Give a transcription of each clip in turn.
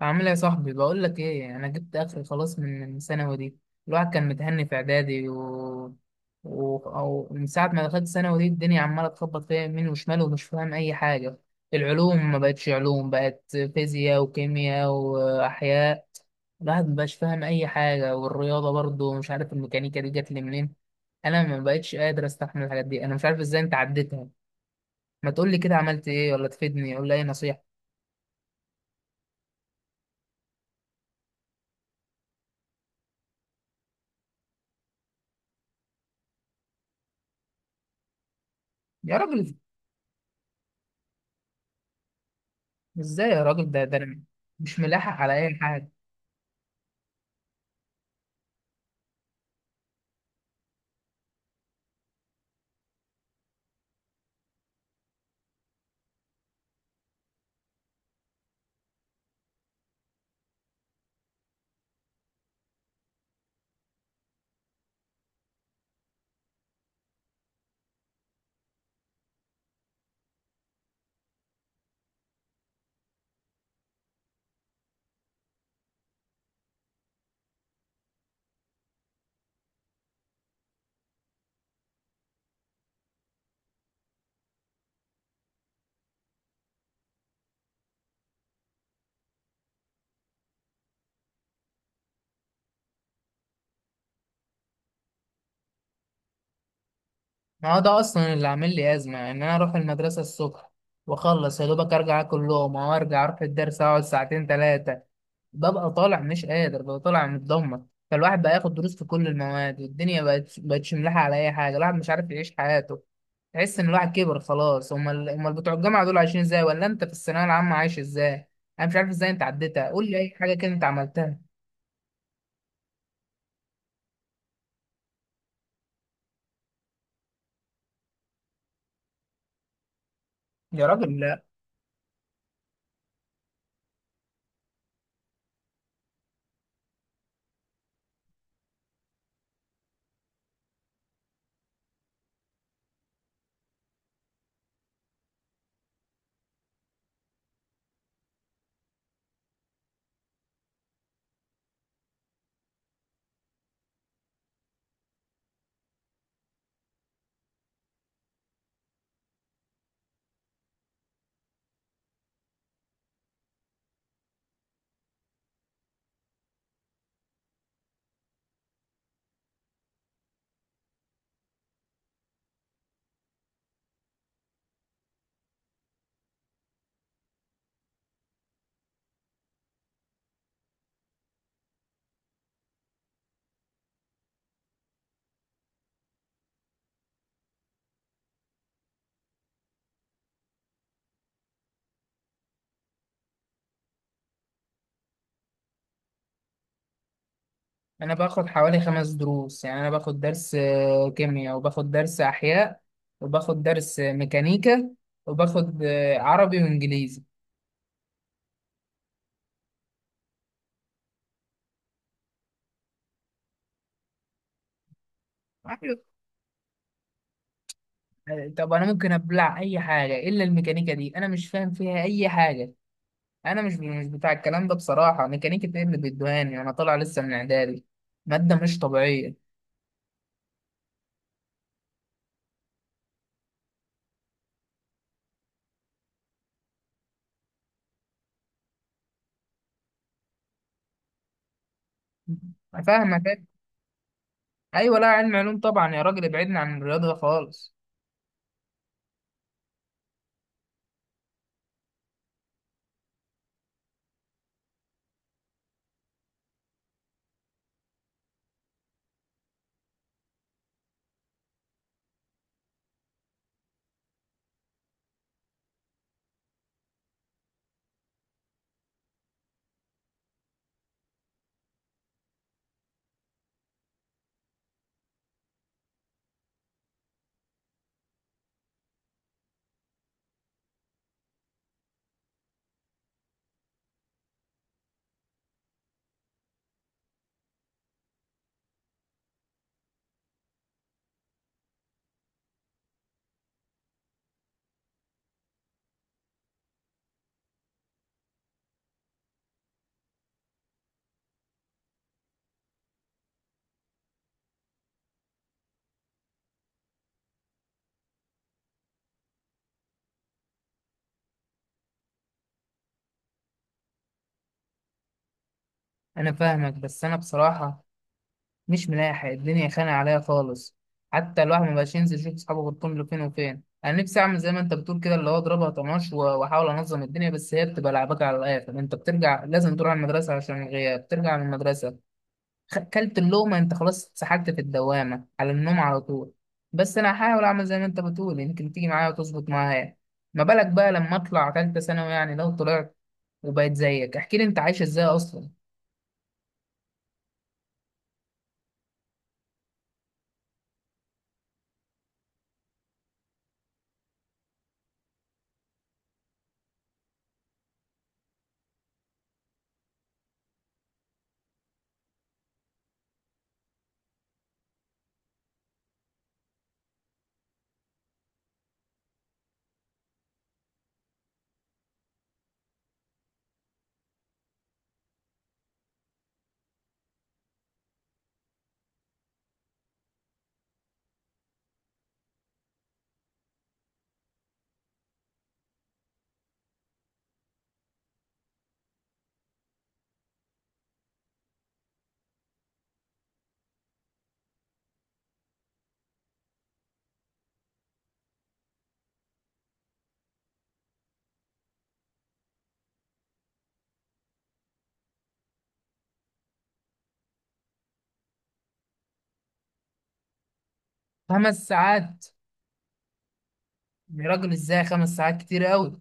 عامل ايه يا صاحبي؟ بقول لك ايه، انا جبت اخر خلاص من الثانوي دي. الواحد كان متهني في اعدادي و من ساعه ما دخلت ثانوي دي الدنيا عماله تخبط فيها يمين وشمال، ومش فاهم اي حاجه. العلوم ما بقتش علوم، بقت فيزياء وكيمياء واحياء. الواحد ما بقاش فاهم اي حاجه، والرياضه برضه مش عارف الميكانيكا دي جت لي منين. انا ما بقتش قادر استحمل الحاجات دي، انا مش عارف ازاي انت عديتها. ما تقول لي كده عملت ايه، ولا تفيدني ولا اي نصيحه. يا راجل ازاي يا راجل؟ ده أنا مش ملاحق على اي حاجه. ما هو ده اصلا اللي عامل لي ازمه، ان انا اروح المدرسه الصبح واخلص يا دوبك، ارجع اكل لقمه، وارجع اروح الدرس اقعد ساعتين ثلاثه، ببقى طالع مش قادر، ببقى طالع متدمر. فالواحد بقى ياخد دروس في كل المواد، والدنيا بقت بقتش ملاحقه على اي حاجه، الواحد مش عارف يعيش حياته. تحس ان الواحد كبر خلاص. امال امال بتوع الجامعه دول عايشين ازاي؟ ولا انت في الثانويه العامه عايش ازاي؟ انا مش عارف ازاي انت عديتها، قول لي اي حاجه كده انت عملتها. يا راجل لا، انا باخد حوالي خمس دروس. يعني انا باخد درس كيمياء، وباخد درس احياء، وباخد درس ميكانيكا، وباخد عربي وانجليزي. أيوة. طب انا ممكن ابلع اي حاجه الا الميكانيكا دي، انا مش فاهم فيها اي حاجه. انا مش بتاع الكلام ده بصراحه. ميكانيكا ايه اللي بيدوهاني؟ انا طالع لسه من اعدادي، ماده مش طبيعيه. أنا فاهمك أيوة. ايوه لا علم علوم طبعا يا راجل، ابعدنا عن الرياضه خالص. انا فاهمك، بس انا بصراحه مش ملاحق، الدنيا خانقة عليا خالص. حتى الواحد ما بقاش ينزل يشوف صحابه غير كل فين وفين. انا نفسي اعمل زي ما انت بتقول كده، اللي هو اضربها طناش واحاول انظم الدنيا، بس هي بتبقى لعبك على الاخر، انت بترجع لازم تروح المدرسه عشان الغياب، ترجع من المدرسه، كلت اللقمه انت خلاص اتسحلت في الدوامه، على النوم على طول. بس انا هحاول اعمل زي ما انت بتقول، يمكن تيجي معايا وتظبط معايا. ما بالك بقى لما اطلع تالتة ثانوي، يعني لو طلعت وبقيت زيك، احكي لي انت عايش ازاي اصلا. خمس ساعات؟ يا راجل ازاي خمس ساعات؟ كتير قوي.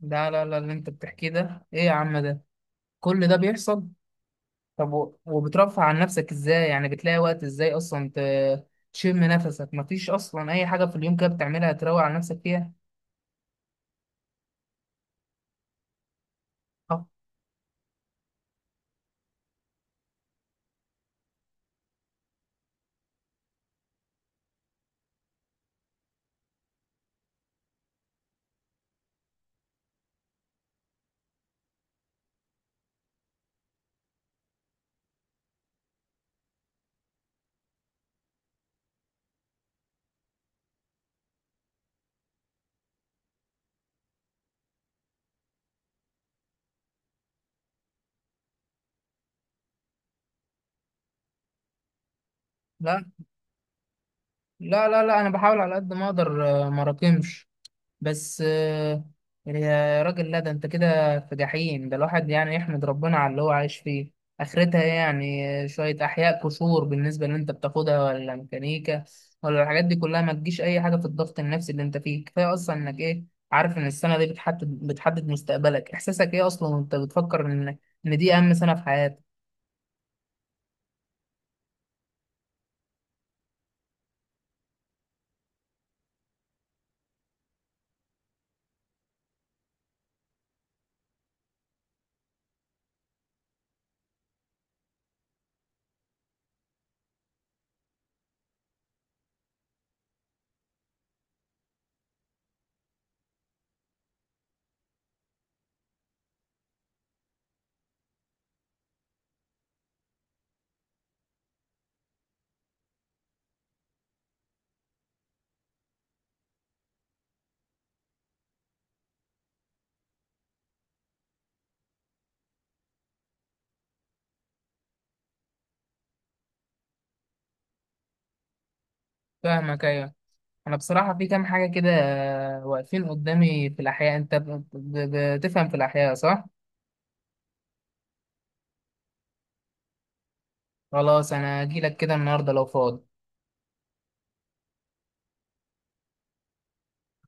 لا لا لا، اللي انت بتحكيه ده ايه يا عم ده؟ كل ده بيحصل؟ طب وبترفع عن نفسك ازاي؟ يعني بتلاقي وقت ازاي اصلا تشم نفسك؟ مفيش اصلا اي حاجة في اليوم كده بتعملها تروق على نفسك فيها؟ أه. لا لا لا لا، انا بحاول على قد ما اقدر ما راكمش، بس يا راجل لا، ده انت كده في جحيم. ده الواحد يعني يحمد ربنا على اللي هو عايش فيه. اخرتها إيه يعني؟ شوية احياء قشور بالنسبة اللي انت بتاخدها، ولا ميكانيكا، ولا الحاجات دي كلها ما تجيش اي حاجة في الضغط النفسي اللي انت فيه. كفاية اصلا انك ايه، عارف ان السنة دي بتحدد مستقبلك، احساسك ايه اصلا وانت بتفكر ان دي اهم سنة في حياتك. فاهمك ايوه. انا بصراحة في كام حاجة كده واقفين قدامي في الاحياء، انت بتفهم في الاحياء صح؟ خلاص انا هجيلك كده النهارده لو فاضي.